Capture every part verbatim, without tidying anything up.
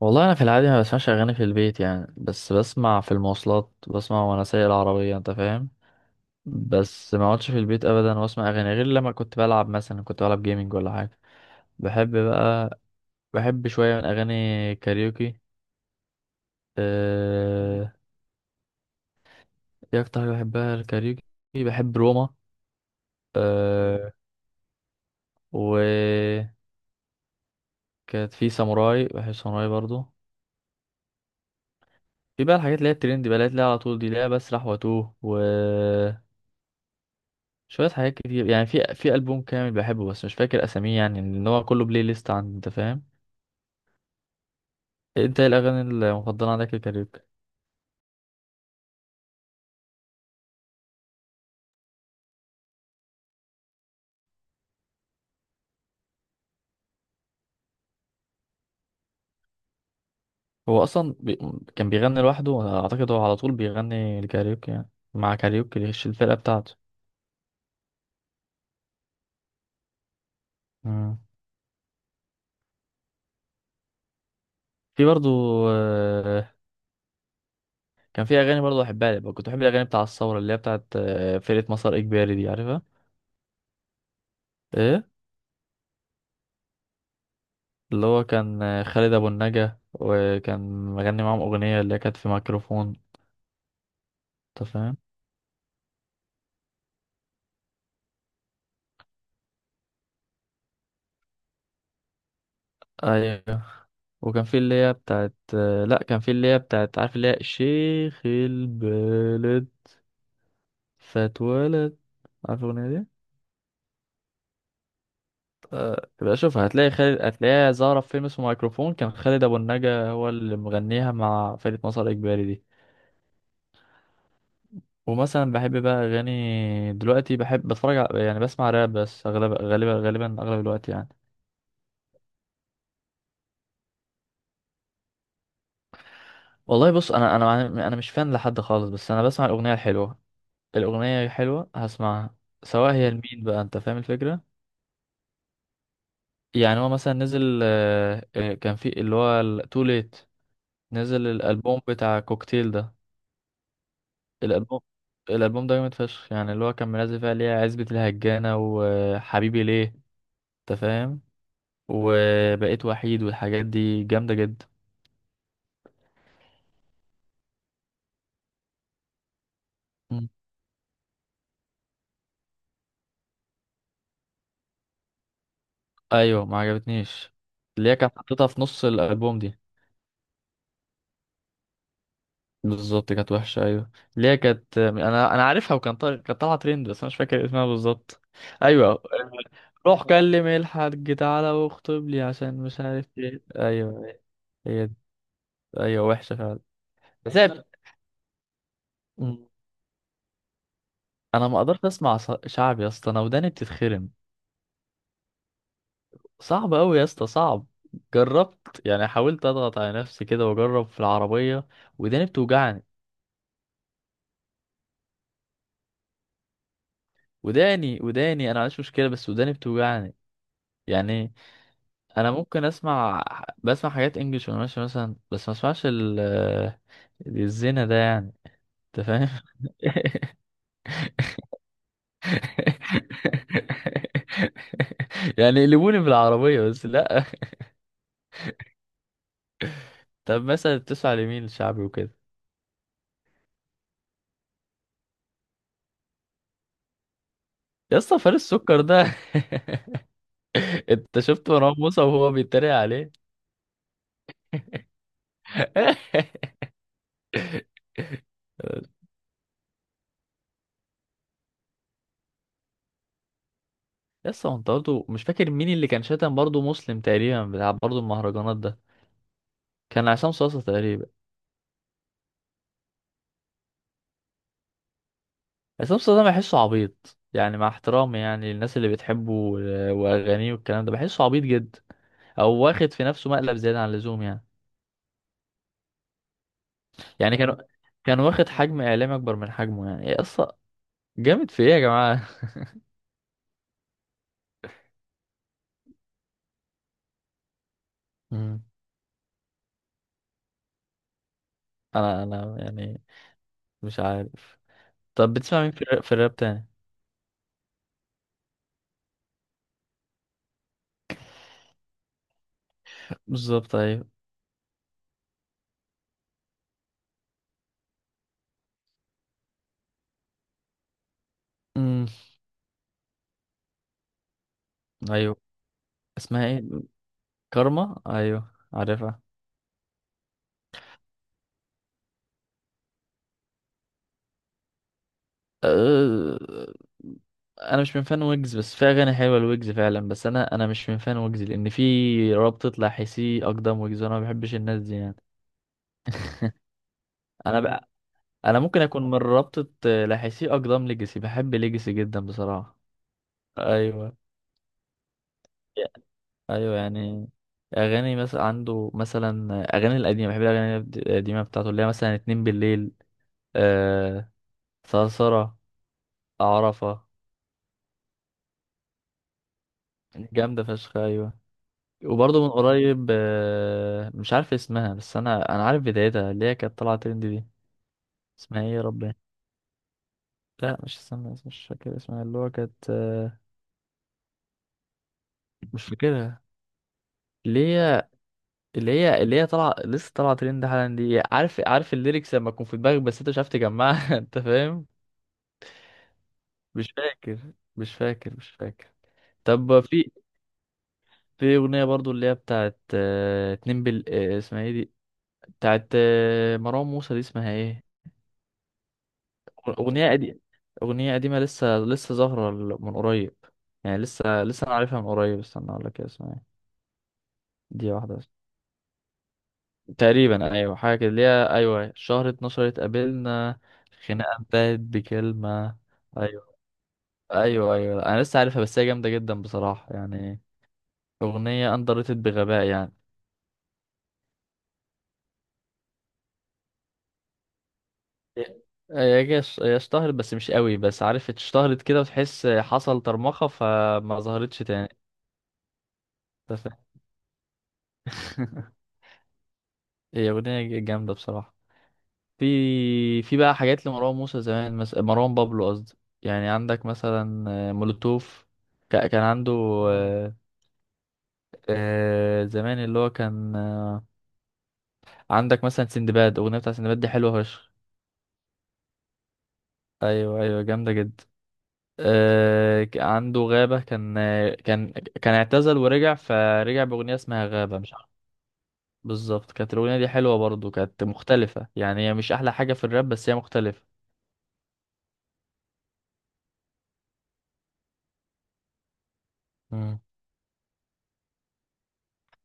والله انا في العادي ما بسمعش اغاني في البيت، يعني بس بسمع في المواصلات، بسمع وانا سايق العربيه. انت فاهم؟ بس ما اقعدش في البيت ابدا واسمع اغاني غير لما كنت بلعب، مثلا كنت بلعب جيمنج ولا حاجه. بحب بقى، بحب شويه من اغاني كاريوكي. أه... ايه اكتر حاجه بحبها الكاريوكي؟ بحب روما. أه... وكانت في ساموراي، بحب ساموراي برضو. في بقى الحاجات اللي هي الترند بقى، اللي هي على طول دي، اللي هي بسرح واتوه، و شوية حاجات كتير يعني. في في ألبوم كامل بحبه بس مش فاكر أساميه، يعني إن هو كله بلاي ليست عندي. أنت فاهم؟ أنت إيه الأغاني المفضلة عندك الكاريوكي؟ هو أصلا بي... كان بيغني لوحده، وأنا أعتقد هو على طول بيغني الكاريوكي يعني، مع كاريوكي اللي هي الفرقة بتاعته. مم. في برضو. آه، كان في أغاني برضو أحبها. لي كنت بحب الأغاني بتاع الثورة اللي هي بتاعت آه، فرقة مسار إجباري دي، عارفها؟ إيه. اللي هو كان آه، خالد أبو النجا، وكان مغني معاهم أغنية اللي هي كانت في ميكروفون. أنت فاهم؟ ايوه. وكان في اللي هي بتاعت، لا كان في اللي هي بتاعت، عارف اللي هي شيخ البلد؟ فاتولد. عارف الأغنية دي؟ آه، يبقى شوف، هتلاقي خالد، هتلاقيها ظاهرة في فيلم اسمه مايكروفون. كان خالد أبو النجا هو اللي مغنيها مع فرقة مسار إجباري دي. ومثلا بحب بقى أغاني دلوقتي، بحب بتفرج على، يعني بسمع راب بس أغلب، غالبا غالبا أغلب الوقت يعني. والله بص، أنا أنا أنا مش فان لحد خالص، بس أنا بسمع الأغنية الحلوة. الأغنية حلوة هسمعها، سواء هي لمين بقى. أنت فاهم الفكرة؟ يعني هو مثلا نزل، آه، آه، كان في اللي هو تو ليت، نزل الالبوم بتاع كوكتيل ده. الالبوم الالبوم ده جامد فشخ، يعني اللي هو كان منزل فيها ليه عزبة الهجانة وحبيبي ليه. انت فاهم؟ وبقيت وحيد، والحاجات دي جامدة جدا. مم. ايوه ما عجبتنيش. اللي هي كانت حطيتها في نص الالبوم دي بالظبط، كانت وحشة. أيوة، اللي هي كانت أنا أنا عارفها، وكان طالع، كانت طالعة ترند، بس أنا مش فاكر اسمها بالظبط. أيوة، روح كلم الحاج تعالى واخطب لي، عشان مش عارف ايه. أيوة، هي دي. أيوة وحشة فعلا، بس هي- مم. أنا ما قدرت أسمع ص- شعب يا اسطى، أنا وداني بتتخرم. صعب أوي يا اسطى، صعب. جربت يعني، حاولت أضغط على نفسي كده وأجرب في العربية، وداني بتوجعني. وداني وداني، أنا معنديش مشكلة بس وداني بتوجعني يعني. انا ممكن اسمع، بسمع حاجات انجلش وانا ماشي مثلا، بس ما اسمعش ال الزنا ده يعني. انت فاهم؟ يعني يقلبوني بالعربية، بس لا. طب مثلا بتسمع لمين الشعبي وكده؟ يا اسطى فارس السكر ده. انت شفت مروان موسى وهو بيتريق عليه؟ يا اسطى، هو انت برضه مش فاكر مين اللي كان شاتم برضه، مسلم تقريبا بتاع برضه المهرجانات ده؟ كان عصام صاصا تقريبا. عصام صاصا ده بحسه عبيط يعني، مع احترامي يعني، الناس اللي بتحبه و- واغانيه والكلام ده، بحسه عبيط جدا، او واخد في نفسه مقلب زياده عن اللزوم يعني. يعني كان كان واخد حجم اعلامي اكبر من حجمه يعني يا اسطى. جامد في ايه يا جماعه؟ مم. انا انا يعني مش عارف. طب بتسمع مين في الراب، في الراب تاني؟ بالظبط ايوه. امم. ايوه. اسمها ايه؟ كارما، ايوه عارفها. أه، انا مش من فان ويجز، بس في اغاني حلوه لويجز فعلا، بس انا انا مش من فان ويجز، لان في رابطه لاحسي اقدم ويجز، وانا ما بحبش الناس دي يعني. انا بقى، انا ممكن اكون من رابطه آه، لاحسي اقدم ليجاسي، بحب ليجاسي جدا بصراحه. ايوه. ايوه يعني، اغاني مثلا عنده، مثلا اغاني القديمه، بحب الاغاني القديمه بتاعته اللي هي مثلا اتنين بالليل، آه، ثرثره، عرفه. جامده فشخ، ايوه. وبرضه من قريب آه، مش عارف اسمها، بس انا انا عارف بدايتها، اللي هي كانت طالعه ترند دي. اسمها ايه يا ربي؟ لا مش اسمها، مش فاكر اسمها، اللي هو كانت آه، مش فاكرها. اللي هي اللي هي اللي هي طالعه، لسه طالعه ترند حالا دي، عارف عارف الليركس لما تكون في دماغك بس انت مش عارف تجمعها. انت فاهم؟ مش فاكر مش فاكر مش فاكر طب في في اغنيه برضو اللي هي بتاعت آه، اتنين بال آه، اسمها ايه دي، بتاعت آه، مروان موسى دي اسمها ايه؟ أغنية قديمة. أغنية قديمة، لسه لسه ظاهرة ال- من قريب، يعني لسه لسه أنا عارفها من قريب، استنى أقول لك اسمها إيه. دي واحدة بس. تقريبا أيوة، حاجة كده اللي هي، أيوة شهر اتناشر اتقابلنا. خناقة انتهت بكلمة. أيوة. أيوة، أيوة، أنا لسه عارفها، بس هي جامدة جدا بصراحة يعني، أغنية أندر ريتد بغباء يعني. هي هي ش- هي اشتهرت بس مش قوي، بس عارف اشتهرت كده، وتحس حصل طرمخة فما ظهرتش تاني. أنت فاهم؟ هي أغنية جامدة بصراحة. في في بقى حاجات لمروان موسى زمان، مثلا مروان بابلو قصدي، يعني عندك مثلا آه، مولوتوف. ك- كان عنده، آه، آه، زمان اللي هو كان آه، عندك مثلا سندباد، اغنيه بتاع سندباد دي حلوه فشخ. ايوه ايوه جامده جدا. آه، ك- عنده غابه، كان آه، كان، كان اعتزل ورجع، فرجع باغنيه اسمها غابه، مش عارف. بالظبط، كانت الاغنيه دي حلوه برضو، كانت مختلفه يعني، هي مش احلى حاجه في الراب بس هي مختلفه.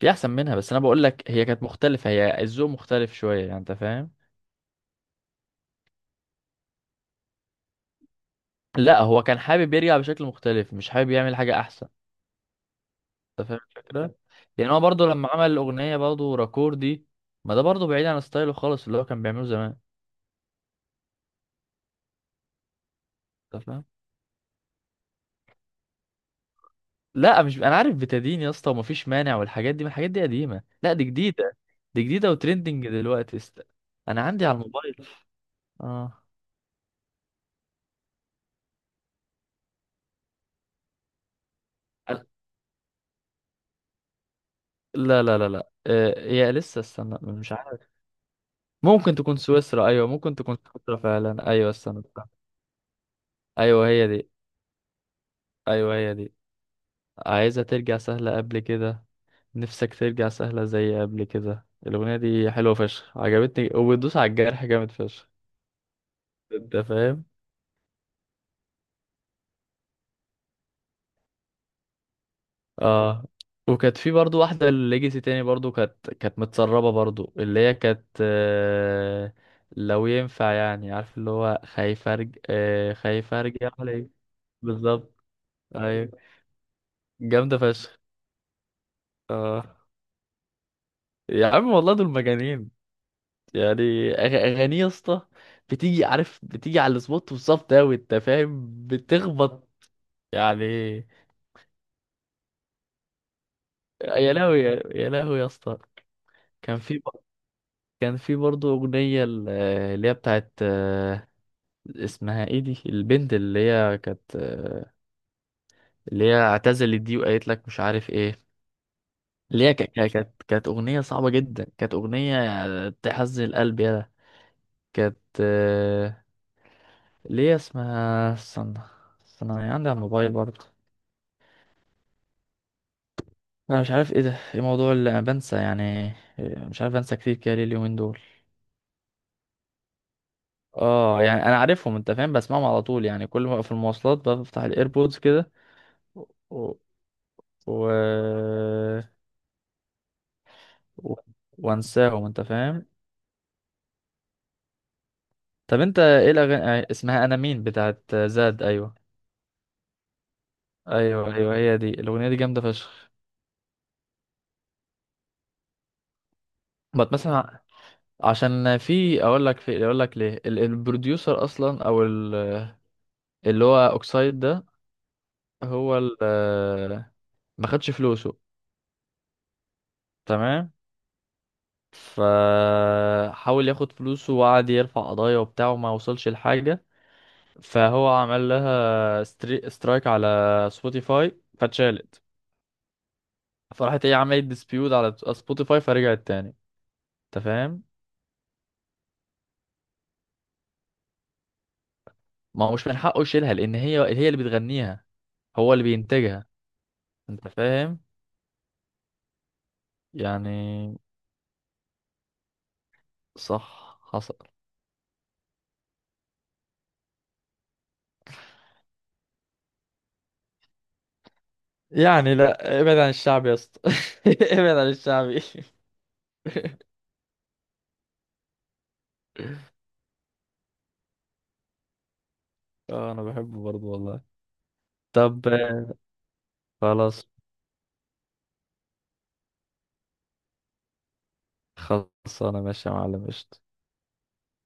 في احسن منها، بس انا بقول لك هي كانت مختلفه، هي الذوق مختلف شويه يعني. انت فاهم؟ لا هو كان حابب يرجع بشكل مختلف، مش حابب يعمل حاجه احسن. انت فاهم الفكره؟ يعني هو برضه لما عمل الاغنيه برضه راكور دي، ما ده برضه بعيد عن ستايله خالص اللي هو كان بيعمله زمان. انت فاهم؟ لا مش، انا عارف بتدين يا اسطى، ومفيش مانع، والحاجات دي، ما الحاجات دي قديمه، لا دي جديده. دي جديده وترندنج دلوقتي. است... انا عندي على الموبايل. اه. لا، لا، لا، لا، آه، هي لسه، استنى مش عارف. ممكن تكون سويسرا، ايوه ممكن تكون سويسرا فعلا، ايوه استنى. ايوه هي دي. ايوه هي دي، عايزة ترجع سهلة قبل كده. نفسك ترجع سهلة زي قبل كده. الأغنية دي حلوة فشخ، عجبتني، وبتدوس على الجرح جامد فشخ. انت فاهم؟ اه. وكانت في برضو واحدة ليجاسي تاني برضو، كانت كانت متسربة برضو، اللي هي كانت آه، لو ينفع، يعني عارف اللي هو خايف ارجع، خايف ارجع عليك. بالظبط. ايوه، جامدة فشخ. اه يا عم والله دول مجانين، يعني أغ- اغانيه يا اسطى بتيجي، عارف بتيجي على السبوت بالظبط اوي، انت فاهم بتخبط يعني. يا لهوي يا يا لهوي يا اسطى. كان في، كان في برضه اغنيه ال- اللي هي بتاعت آه، اسمها ايه دي، البنت اللي هي كانت آه، اللي هي اعتزلت دي، وقالت لك مش عارف ايه. اللي هي ك- ك- كانت، كانت اغنيه صعبه جدا، كانت اغنيه تحزن القلب يا ده. كانت، ليه اسمها، استنى، استنى هي عندي على الموبايل برضه. انا مش عارف ايه ده، ايه موضوع اللي انا بنسى يعني، مش عارف انسى كتير كده ليه اليومين دول. اه يعني انا عارفهم، انت فاهم بسمعهم على طول يعني، كل ما أبقى في المواصلات بفتح الايربودز كده، و... و... و... وانساهم. انت فاهم؟ طب انت ايه الاغاني، اسمها انا مين بتاعت زاد، ايوه. ايوه ايوه هي دي، الاغنيه دي جامده فشخ. بتمثل ع- عشان في اقول لك في اقول لك ليه، ال- البروديوسر اصلا، او ال اللي هو اوكسايد ده، هو ال- آه، ما خدش فلوسه، تمام؟ فحاول ياخد فلوسه، وقعد يرفع قضايا وبتاع، وما وصلش لحاجة. فهو عمل لها ستري... سترايك على سبوتيفاي، فاتشالت. فراحت هي عملت ديسبيوت على سبوتيفاي فرجعت تاني. انت فاهم؟ ما هو مش من حقه يشيلها، لان هي هي اللي بتغنيها، هو اللي بينتجها. انت فاهم؟ يعني صح حصل يعني. لا ابعد عن الشعب يا اسطى، ابعد عن الشعبي. اه انا بحبه برضه والله. طب خلاص. خلاص انا ماشي يا معلم، قشطة.